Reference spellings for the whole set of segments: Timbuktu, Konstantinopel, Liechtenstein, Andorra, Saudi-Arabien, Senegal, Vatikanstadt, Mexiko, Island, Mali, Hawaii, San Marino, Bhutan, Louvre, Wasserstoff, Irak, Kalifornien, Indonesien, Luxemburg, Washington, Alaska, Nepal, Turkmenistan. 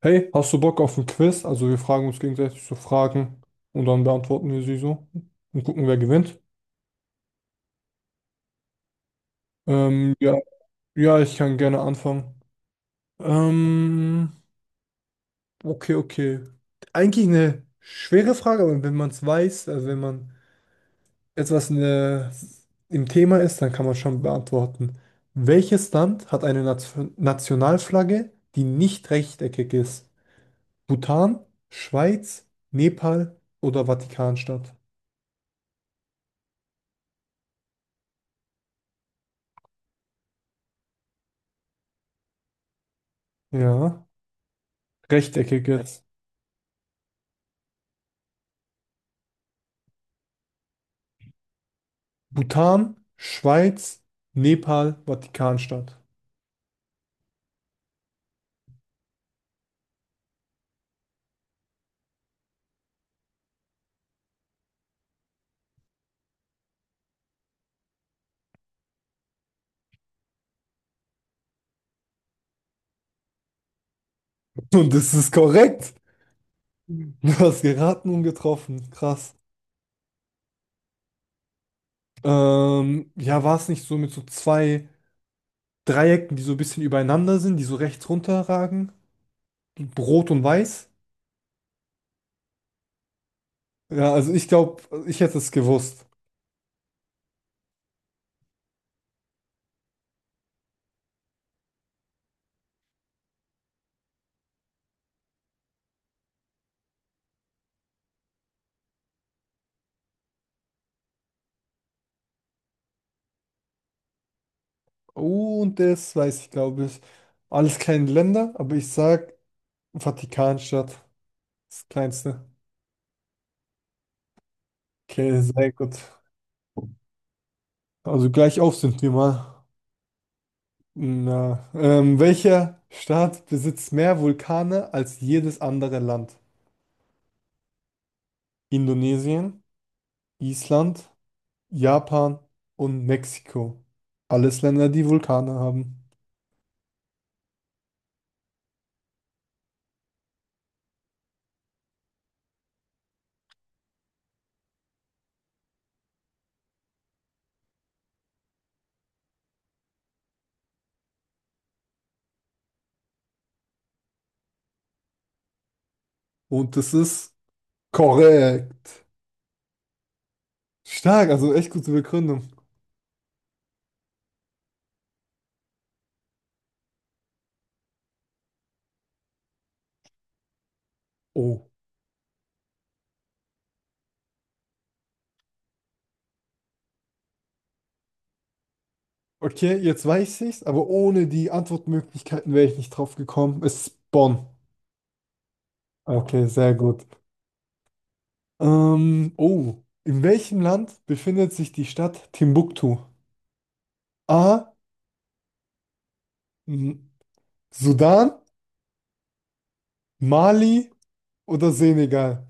Hey, hast du Bock auf ein Quiz? Also wir fragen uns gegenseitig so Fragen und dann beantworten wir sie so und gucken, wer gewinnt. Ja, ja, ich kann gerne anfangen. Ähm, okay, okay. Eigentlich eine schwere Frage, aber wenn man es weiß, also wenn man etwas in der, im Thema ist, dann kann man schon beantworten. Welches Land hat eine Nationalflagge, die nicht rechteckig ist? Bhutan, Schweiz, Nepal oder Vatikanstadt? Ja. Rechteckiges. Bhutan, Schweiz, Nepal, Vatikanstadt. Und das ist korrekt. Du hast geraten und getroffen. Krass. Ja, war es nicht so mit so zwei Dreiecken, die so ein bisschen übereinander sind, die so rechts runterragen? Rot und weiß? Ja, also ich glaube, ich hätte es gewusst. Und das weiß ich, glaube ich. Alles kleine Länder, aber ich sag Vatikanstadt. Das kleinste. Okay, sehr gut. Also gleich auf sind wir mal. Na, welcher Staat besitzt mehr Vulkane als jedes andere Land? Indonesien, Island, Japan und Mexiko. Alles Länder, die Vulkane haben. Und das ist korrekt. Stark, also echt gute Begründung. Oh. Okay, jetzt weiß ich's, aber ohne die Antwortmöglichkeiten wäre ich nicht drauf gekommen. Es ist Bonn. Okay, sehr gut. Oh. In welchem Land befindet sich die Stadt Timbuktu? A. Sudan, Mali oder Senegal?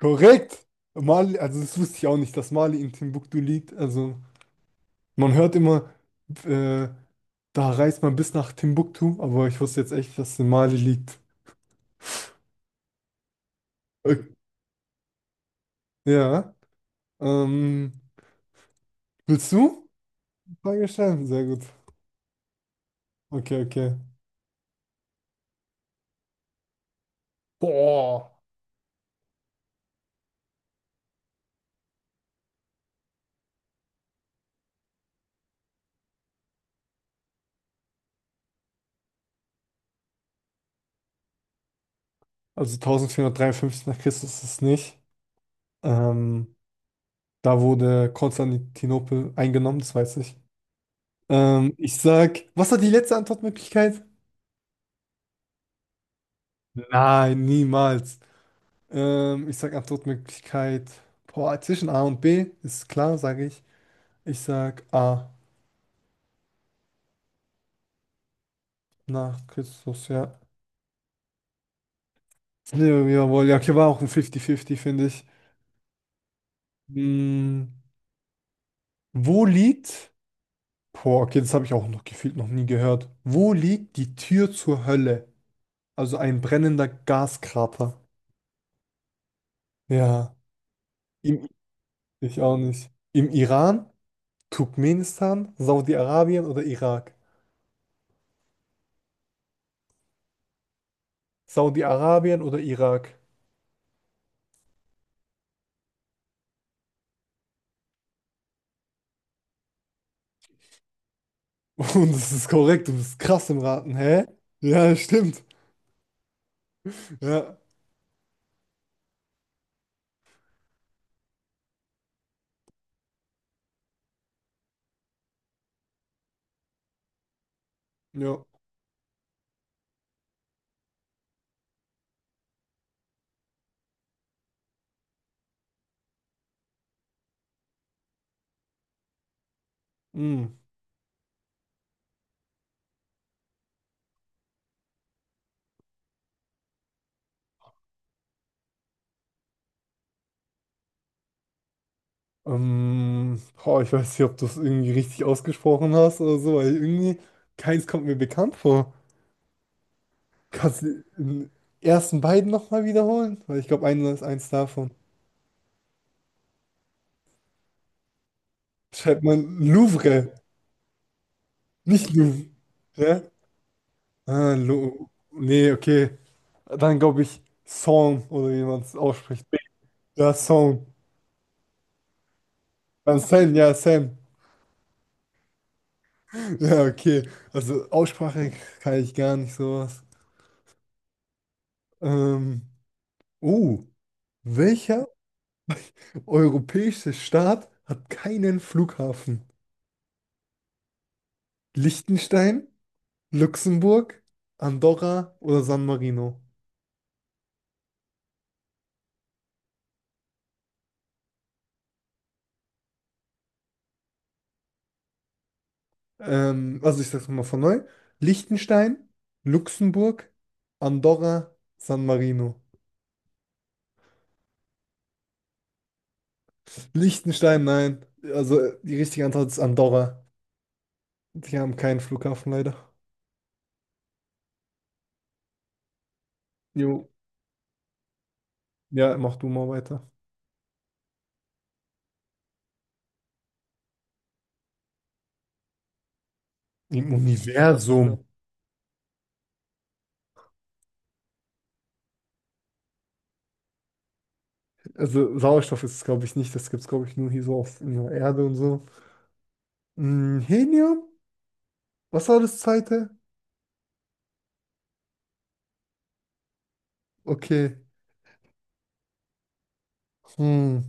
Korrekt. Mali, also das wusste ich auch nicht, dass Mali in Timbuktu liegt. Also man hört immer, äh, da reist man bis nach Timbuktu, aber ich wusste jetzt echt, dass es in Mali liegt. Okay. Ja. Ähm, willst du eine Frage stellen? Sehr gut. Okay, okay. Boah. Also 1453 nach Christus ist es nicht. Ähm, da wurde Konstantinopel eingenommen, das weiß ich. Ich sag, was war die letzte Antwortmöglichkeit? Nein, niemals. Ich sag Antwortmöglichkeit, boah, zwischen A und B, ist klar, sage ich. Ich sag A nach Christus, ja. Nee, jawohl, ja, okay, war auch ein 50-50, finde ich. Hm, wo liegt, boah, okay, das habe ich auch noch gefühlt noch nie gehört. Wo liegt die Tür zur Hölle? Also ein brennender Gaskrater. Ja, im, ich auch nicht. Im Iran? Turkmenistan, Saudi-Arabien oder Irak? Saudi-Arabien oder Irak? Und das ist korrekt, du bist krass im Raten, hä? Ja, stimmt. Ja, ja. Hm. Boah, ich weiß nicht, ob du es irgendwie richtig ausgesprochen hast oder so, weil irgendwie keins kommt mir bekannt vor. Kannst du den ersten beiden nochmal wiederholen? Weil ich glaube, einer ist eins davon. Schreibt man Louvre, nicht Louvre. Ja? Ah, Lou- Nee, okay. Dann glaube ich Song oder wie man es ausspricht. Ja, Song. Dann Sam. Ja, okay. Also Aussprache kann ich gar nicht sowas. Ähm, oh, welcher europäische Staat hat keinen Flughafen? Liechtenstein, Luxemburg, Andorra oder San Marino? Also ich sag's nochmal von neu. Liechtenstein, Luxemburg, Andorra, San Marino. Liechtenstein, nein. Also die richtige Antwort ist Andorra. Wir haben keinen Flughafen leider. Jo. Ja, mach du mal weiter. Im Universum. Ja. Also Sauerstoff ist es, glaube ich, nicht. Das gibt es, glaube ich, nur hier so auf in der Erde und so. Hm, Helium? Was war das zweite? Okay. Hm.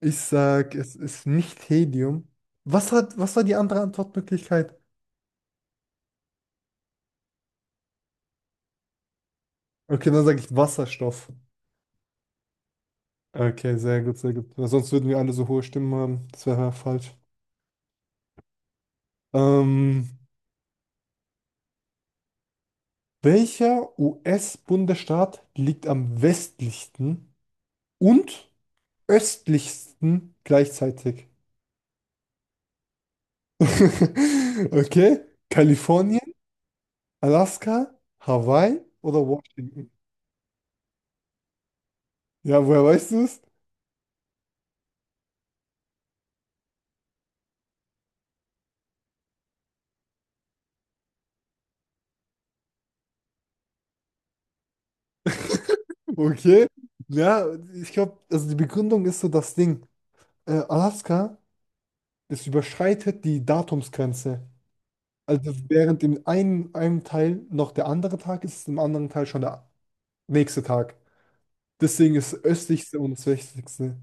Ich sag, es ist nicht Helium. Was hat, was war die andere Antwortmöglichkeit? Okay, dann sage ich Wasserstoff. Okay, sehr gut, sehr gut. Weil sonst würden wir alle so hohe Stimmen haben. Das wäre ja falsch. Ähm, welcher US-Bundesstaat liegt am westlichsten und östlichsten gleichzeitig? Okay, Kalifornien, Alaska, Hawaii oder Washington? Ja, woher weißt du es? Okay, ja, ich glaube, also die Begründung ist so das Ding. Alaska, das überschreitet die Datumsgrenze. Also während im einen, einem Teil noch der andere Tag ist, ist im anderen Teil schon der nächste Tag. Deswegen ist östlichste und das westlichste.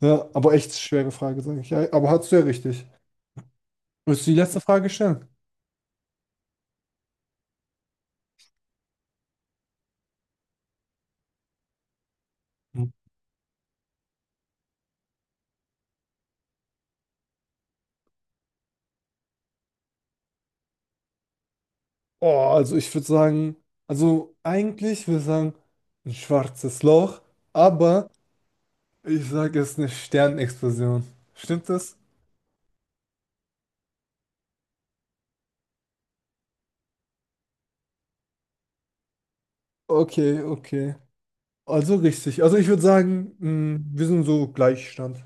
Ja, aber echt schwere Frage, sage ich. Ja, aber hast du ja richtig. Willst du die letzte Frage stellen? Hm. Oh, also ich würde sagen, also eigentlich würde ich sagen, ein schwarzes Loch, aber ich sage, es ist eine Sternexplosion. Stimmt das? Okay, okay. Also richtig. Also ich würde sagen, mh, wir sind so Gleichstand.